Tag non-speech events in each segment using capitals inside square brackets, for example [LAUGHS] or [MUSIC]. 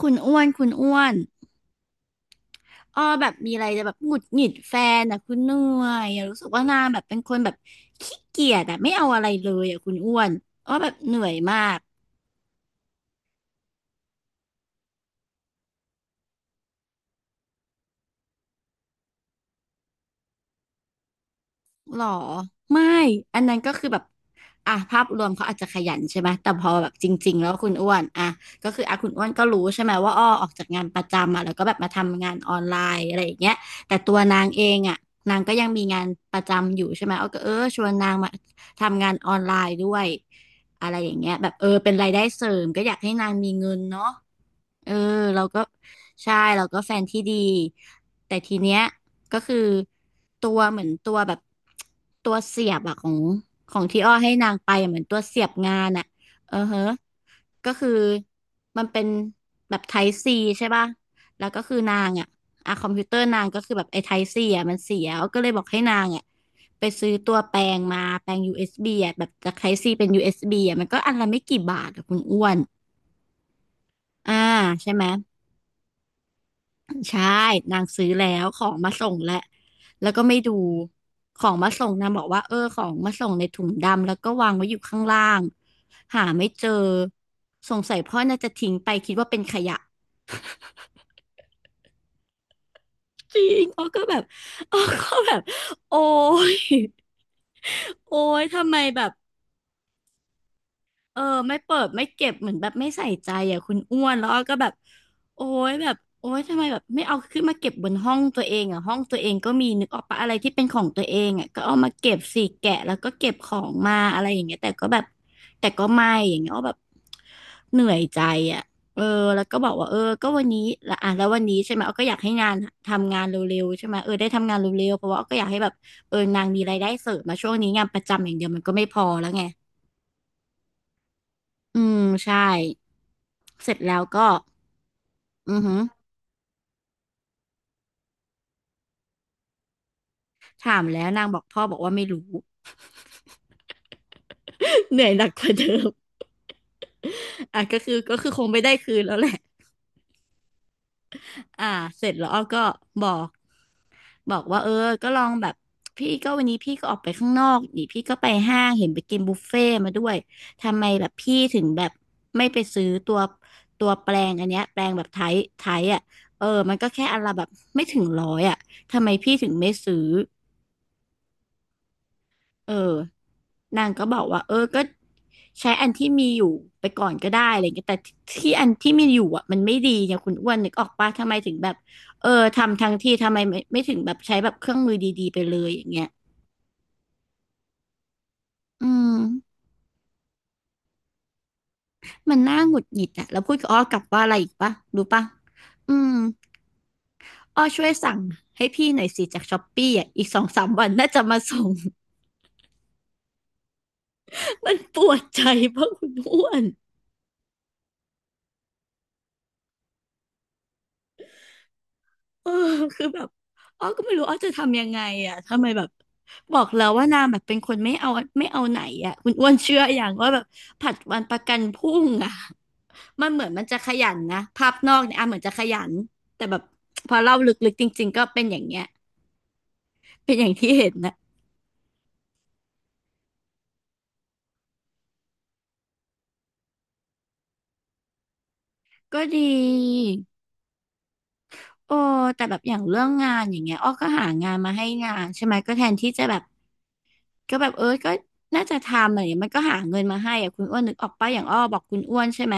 คุณอ้วนคุณอ้วนอ้อแบบมีอะไรจะแบบหงุดหงิดแฟนอ่ะคุณเหนื่อยอ่ะรู้สึกว่านางแบบเป็นคนแบบขี้เกียจอ่ะไม่เอาอะไรเลยอ่ะคุณอ้วนอ้อแบบเหนื่อยมาก หรอไม่อันนั้นก็คือแบบอ่ะภาพรวมเขาอาจจะขยันใช่ไหมแต่พอแบบจริงๆแล้วคุณอ้วนอ่ะก็คืออ่ะคุณอ้วนก็รู้ใช่ไหมว่าอ้อออกจากงานประจำอ่ะแล้วก็แบบมาทำงานออนไลน์อะไรอย่างเงี้ยแต่ตัวนางเองอ่ะนางก็ยังมีงานประจำอยู่ใช่ไหมอ้อก็เออชวนนางมาทำงานออนไลน์ด้วยอะไรอย่างเงี้ยแบบเออเป็นรายได้เสริมก็อยากให้นางมีเงินเนาะเออเราก็ใช่เราก็แฟนที่ดีแต่ทีเนี้ย ก็คือตัวเหมือนตัวแบบตัวเสียบอะของของที่อ้อให้นางไปอะเหมือนตัวเสียบงานอะเออเฮะก็คือมันเป็นแบบไทป์ซีใช่ป่ะแล้วก็คือนางอะอะคอมพิวเตอร์นางก็คือแบบไอ้ไทป์ซีอะมันเสียอ้อก็เลยบอกให้นางอะไปซื้อตัวแปลงมาแปลง USB อสบีอะแบบจากไทป์ซีเป็น USB อสบีอะมันก็อันละไม่กี่บาทอะคุณอ้วนอ่าใช่ไหม ใช่ นางซื้อแล้วของมาส่งแล้ว แล้วก็ไม่ดูของมาส่งนางบอกว่าเออของมาส่งในถุงดำแล้วก็วางไว้อยู่ข้างล่างหาไม่เจอสงสัยพ่อน่าจะทิ้งไปคิดว่าเป็นขยะจริง [LAUGHS] อ้อก็แบบ [LAUGHS] อ้อก็แบบโอ้ยโอ้ยทำไมแบบ เออไม่เปิดไม่เก็บเหมือนแบบไม่ใส่ใจอ่ะคุณอ้วนแล้วอ้อก็แบบโอ้ยแบบโอ้ยทำไมแบบไม่เอาขึ้นมาเก็บบนห้องตัวเองอ่ะห้องตัวเองก็มีนึกออกปะอะไรที่เป็นของตัวเองอ่ะก็เอามาเก็บสิแกะแล้วก็เก็บของมาอะไรอย่างเงี้ยแต่ก็แบบแต่ก็ไม่อย่างเงี้ยอ้อแบบเหนื่อยใจอ่ะเออแล้วก็บอกว่าเออก็วันนี้ละอ่ะแล้ววันนี้ใช่ไหมอ้อก็อยากให้งานทำงานเร็วๆใช่ไหมเออได้ทำงานเร็วๆเพราะว่าอ้อก็อยากให้แบบเออนางมีรายได้เสริมมาช่วงนี้งานประจำอย่างเดียวมันก็ไม่พอแล้วไงอืมใช่ เสร็จแล้วก็อือหือถามแล้วนางบอกพ่อบอกว่าไม่รู้ [LAUGHS] เหนื่อยหนักกว่าเดิมอ่ะก็คือคงไม่ได้คืนแล้วแหละอ่าเสร็จแล้วอ้อก็บอกว่าเออก็ลองแบบพี่ก็วันนี้พี่ก็ออกไปข้างนอกนี่พี่ก็ไปห้างเห็นไปกินบุฟเฟ่ต์มาด้วยทำไมแบบพี่ถึงแบบไม่ไปซื้อตัวแปลงอันเนี้ยแปลงแบบไทยไทยอ่ะเออมันก็แค่อันละแบบไม่ถึงร้อยอ่ะทำไมพี่ถึงไม่ซื้อ เออนางก็บอกว่าเออก็ใช้อันที่มีอยู่ไปก่อนก็ได้อะไรเงี้ยแต่ที่อันที่มีอยู่อ่ะมันไม่ดีเนี่ยคุณอ้วนนึกออกปะทำไมถึงแบบเออทำทั้งที่ทำไมไม่ถึงแบบใช้แบบเครื่องมือดีๆไปเลยอย่างเงี้ยอืมมันน่าหงุดหงิดอ่ะแล้วพูดกับอ้อกลับว่าอะไรอีกปะรู้ปะอืมอ้อช่วยสั่งให้พี่หน่อยสิจากช้อปปี้อ่ะอีกสองสามวันน่าจะมาส่ง [LAUGHS] มันปวดใจเพราะคุณอ้วน เออคือแบบอ้อก็ไม่รู้อ้อจะทำยังไงอ่ะทำไมแบบบอกแล้วว่านางแบบเป็นคนไม่เอาไม่เอาไหนอ่ะคุณอ้วนเชื่ออย่างว่าแบบผัดวันประกันพรุ่งอ่ะมันเหมือนมันจะขยันนะภาพนอกเนี่ยอ่ะเหมือนจะขยันแต่แบบพอเล่าลึกๆจริงๆก็เป็นอย่างเงี้ยเป็นอย่างที่เห็นนะก็ดีโอ้แต่แบบอย่างเรื่องงานอย่างเงี้ยอ้อก็หางานมาให้งานใช่ไหมก็แทนที่จะแบบ ก็แบบเออก็น่าจะทำอะไรอย่างเงี้ยมันก็หาเงินมาให้อะคุณอ้วนนึกออกปะอย่างอ้อบอกคุณอ้วนใช่ไหม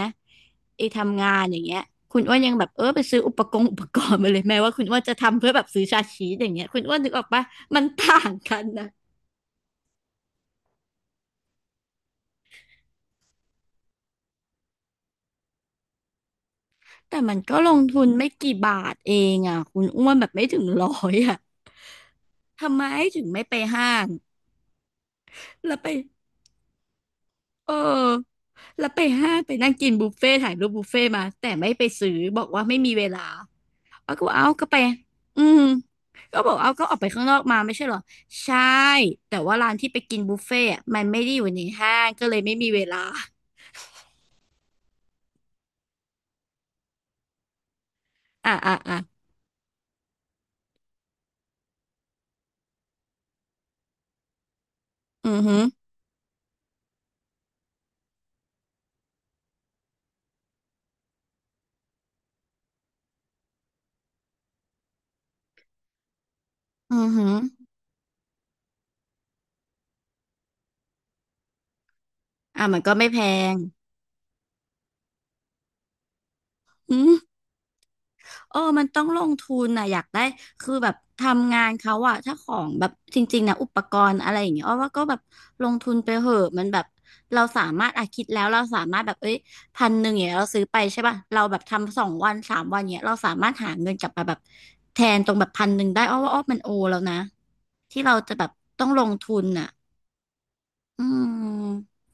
ไอ้ทำงานอย่างเงี้ยคุณอ้วนยังแบบเออไปซื้ออุปกรณ์มาเลยแม้ว่าคุณอ้วนจะทำเพื่อแบบซื้อชาชีสอย่างเงี้ยคุณอ้วนนึกออกปะมันต่างกันนะแต่มันก็ลงทุนไม่กี่บาทเองอ่ะคุณอ้วนแบบไม่ถึงร้อยอ่ะทำไมถึงไม่ไปห้างแล้วไปเออแล้วไปห้างไปนั่งกินบุฟเฟ่ต์ถ่ายรูปบุฟเฟ่ต์มาแต่ไม่ไปซื้อบอกว่าไม่มีเวลา เอาก็บอกเอาก็ไป อืมก็บอกเอาก็ออกไปข้างนอกมาไม่ใช่เหรอ ใช่ แต่ว่าร้านที่ไปกินบุฟเฟ่ต์อะมันไม่ได้อยู่ในห้างก็เลยไม่มีเวลาอ่ะอ่ะอ่ะอือหืออือหืออ่ะมันก็ไม่แพงอืม เออมันต้องลงทุนนะอยากได้คือแบบทำงานเขาอะถ้าของแบบจริงๆนะอุปกรณ์อะไรอย่างเงี้ยอ้อว่าก็แบบลงทุนไปเหอะมันแบบเราสามารถอะคิดแล้วเราสามารถแบบเอ้ยพันหนึ่งอย่างเงี้ยเราซื้อไปใช่ป่ะเราแบบทำสองวันสามวันเงี้ยเราสามารถหาเงินกลับมาแบบแทนตรงแบบพันหนึ่งได้อ้อว่าอ้อมันโอแล้วนะที่เราจะแบบต้องลงทุนอะอืม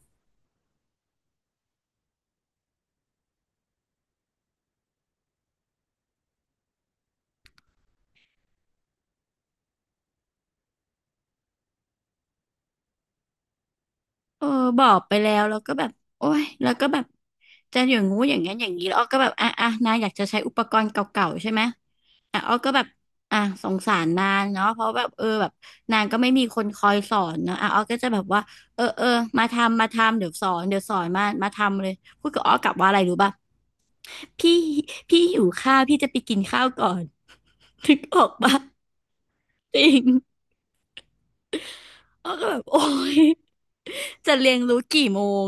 เออบอกไปแล้วแล้วก็แบบโอ้ยแล้วก็แบบจะอย่างงู้อย่างงั้นอย่างนี้แล้วอ้อก็แบบอ่ะอ่ะนายอยากจะใช้อุปกรณ์เก่าๆใช่ไหมอ่ะอ้อก็แบบอ่ะสงสารนางเนาะเพราะแบบแบบนางก็ไม่มีคนคอยสอนเนาะอ่ะอ้อก็จะแบบว่าเออเออมาทำมาทำเดี๋ยวสอนเดี๋ยวสอนมามาทำเลยพูดกับอ้อกลับว่าอะไรรู้ป่ะพี่พี่หิวข้าวพี่จะไปกินข้าวก่อน [LAUGHS] ถึงออกป่ะจริงอ้อก็แบบโอ้ยจะเรียนรู้กี่โมง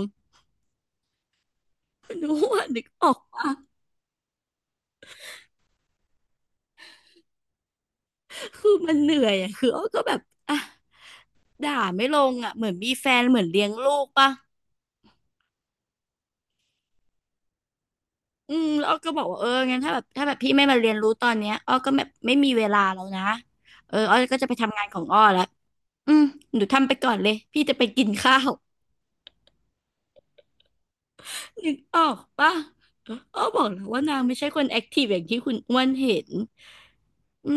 รู้ว่านึกออก คือมันเหนื่อยอ่ะคืออ้อก็แบบอ่ะด่าไม่ลงอ่ะเหมือนมีแฟนเหมือนเลี้ยงลูกปะอืมแล้วอ้อก็บอกว่างั้นถ้าแบบถ้าแบบพี่ไม่มาเรียนรู้ตอนเนี้ยอ้อก็แบบไม่มีเวลาแล้วนะอ้อก็จะไปทำงานของอ้อแล้วอืมหนูทำไปก่อนเลยพี่จะไปกินข้าวนึกออกปะอ้อบอกแล้วว่านางไม่ใช่คนแอคทีฟอย่างที่คุณอ้วนเห็นอื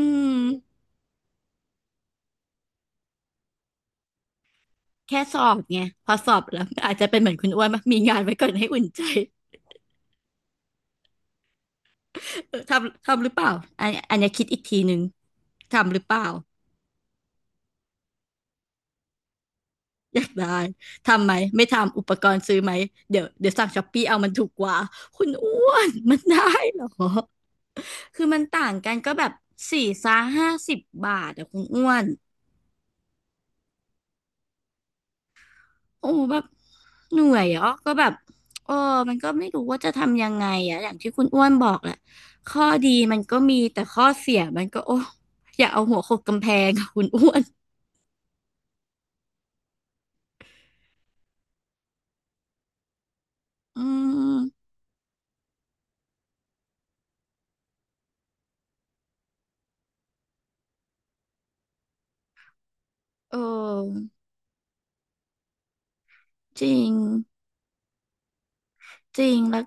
มแค่สอบไงพอสอบแล้วอาจจะเป็นเหมือนคุณอ้วนปะมีงานไว้ก่อนให้อุ่นใจ ทำทำหรือเปล่าอันอันเนี้ยคิดอีกทีหนึ่งทำหรือเปล่าอยากได้ทำไหมไม่ทำอุปกรณ์ซื้อไหมเดี๋ยวเดี๋ยวสั่งช้อปปี้เอามันถูกกว่าคุณอ้วนมันได้เหรอคือมันต่างกันก็แบบสี่ซาห้าสิบบาทอะคุณอ้วนโอ้แบบเหนื่อยอ่ะก็แบบเออมันก็ไม่รู้ว่าจะทำยังไงอะอย่างที่คุณอ้วนบอกแหละข้อดีมันก็มีแต่ข้อเสียมันก็โอ้อย่าเอาหัวโขกกำแพงอะคุณอ้วนอืมเออ จริงจริงแล้ว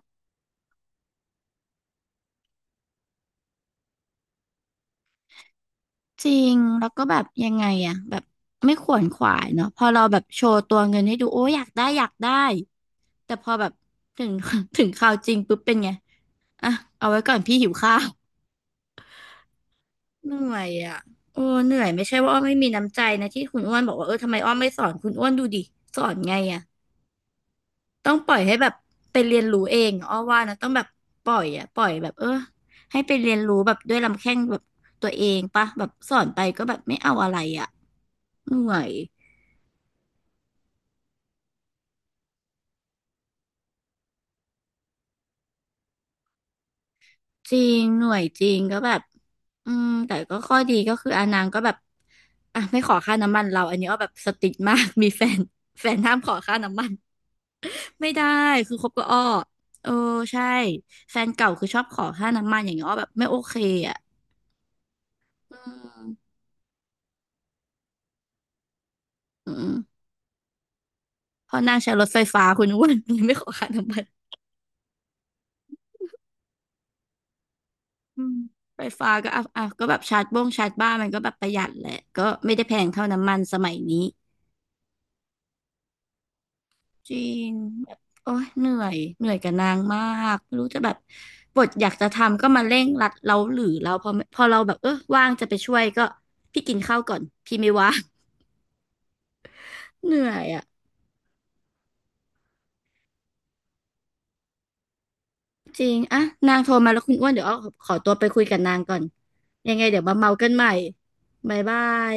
จริงแล้วก็แบบยังไงอะแบบไม่ขวนขวายเนาะพอเราแบบโชว์ตัวเงินให้ดูโอ้ยอยากได้อยากได้แต่พอแบบถึง [LAUGHS] ถึงคราวจริงปุ๊บเป็นไงอ่ะเอาไว้ก่อนพี่หิวข้าวเหนื่อยอ่ะโอ้เหนื่อยไม่ใช่ว่าอ้อไม่มีน้ำใจนะที่คุณอ้วนบอกว่าทำไมอ้อไม่สอนคุณอ้วนดูดิสอนไงอ่ะ ต้องปล่อยให้แบบไปเรียนรู้เองอ้อว่านะต้องแบบปล่อยอะปล่อยแบบให้ไปเรียนรู้แบบด้วยลำแข้งแบบตัวเองปะแบบสอนไปก็แบบไม่เอาอะไรอะเหน่อยจริงหน่วยจริงก็แบบอืมแต่ก็ข้อดีก็คืออานางก็แบบอ่ะไม่ขอค่าน้ำมันเราอันนี้อ้อแบบสติ๊กมาก [LAUGHS] มีแฟนแฟนห้ามขอค่าน้ำมันไม่ได้คือคบกับอ้อเออใช่แฟนเก่าคือชอบขอค่าน้ำมันอย่างเงี้ยอ้อแบบไม่โอเคอ่ะอืมอืม เพราะนางใช้รถไฟฟ้าคุณอ้วนยังไม่ขอค่าน้ำมันอืมไฟฟ้าก็อ่ะอ่ะก็แบบชาร์จบ้งชาร์จบ้านมันก็แบบประหยัดแหละก็ไม่ได้แพงเท่าน้ำมันสมัยนี้จริงแบบโอ้ยเหนื่อยเหนื่อยกับนางมากไม่รู้จะแบบบทอยากจะทำก็มาเร่งรัดเราหรือเราพอพอเราแบบว่างจะไปช่วยก็พี่กินข้าวก่อนพี่ไม่ว่าง [LAUGHS] เหนื่อยอ่ะจริงอ่ะนางโทรมาแล้วคุณอ้วนเดี๋ยวอ้อขอตัวไปคุยกับนางก่อนยังไงเดี๋ยวมาเมากันใหม่บ๊ายบาย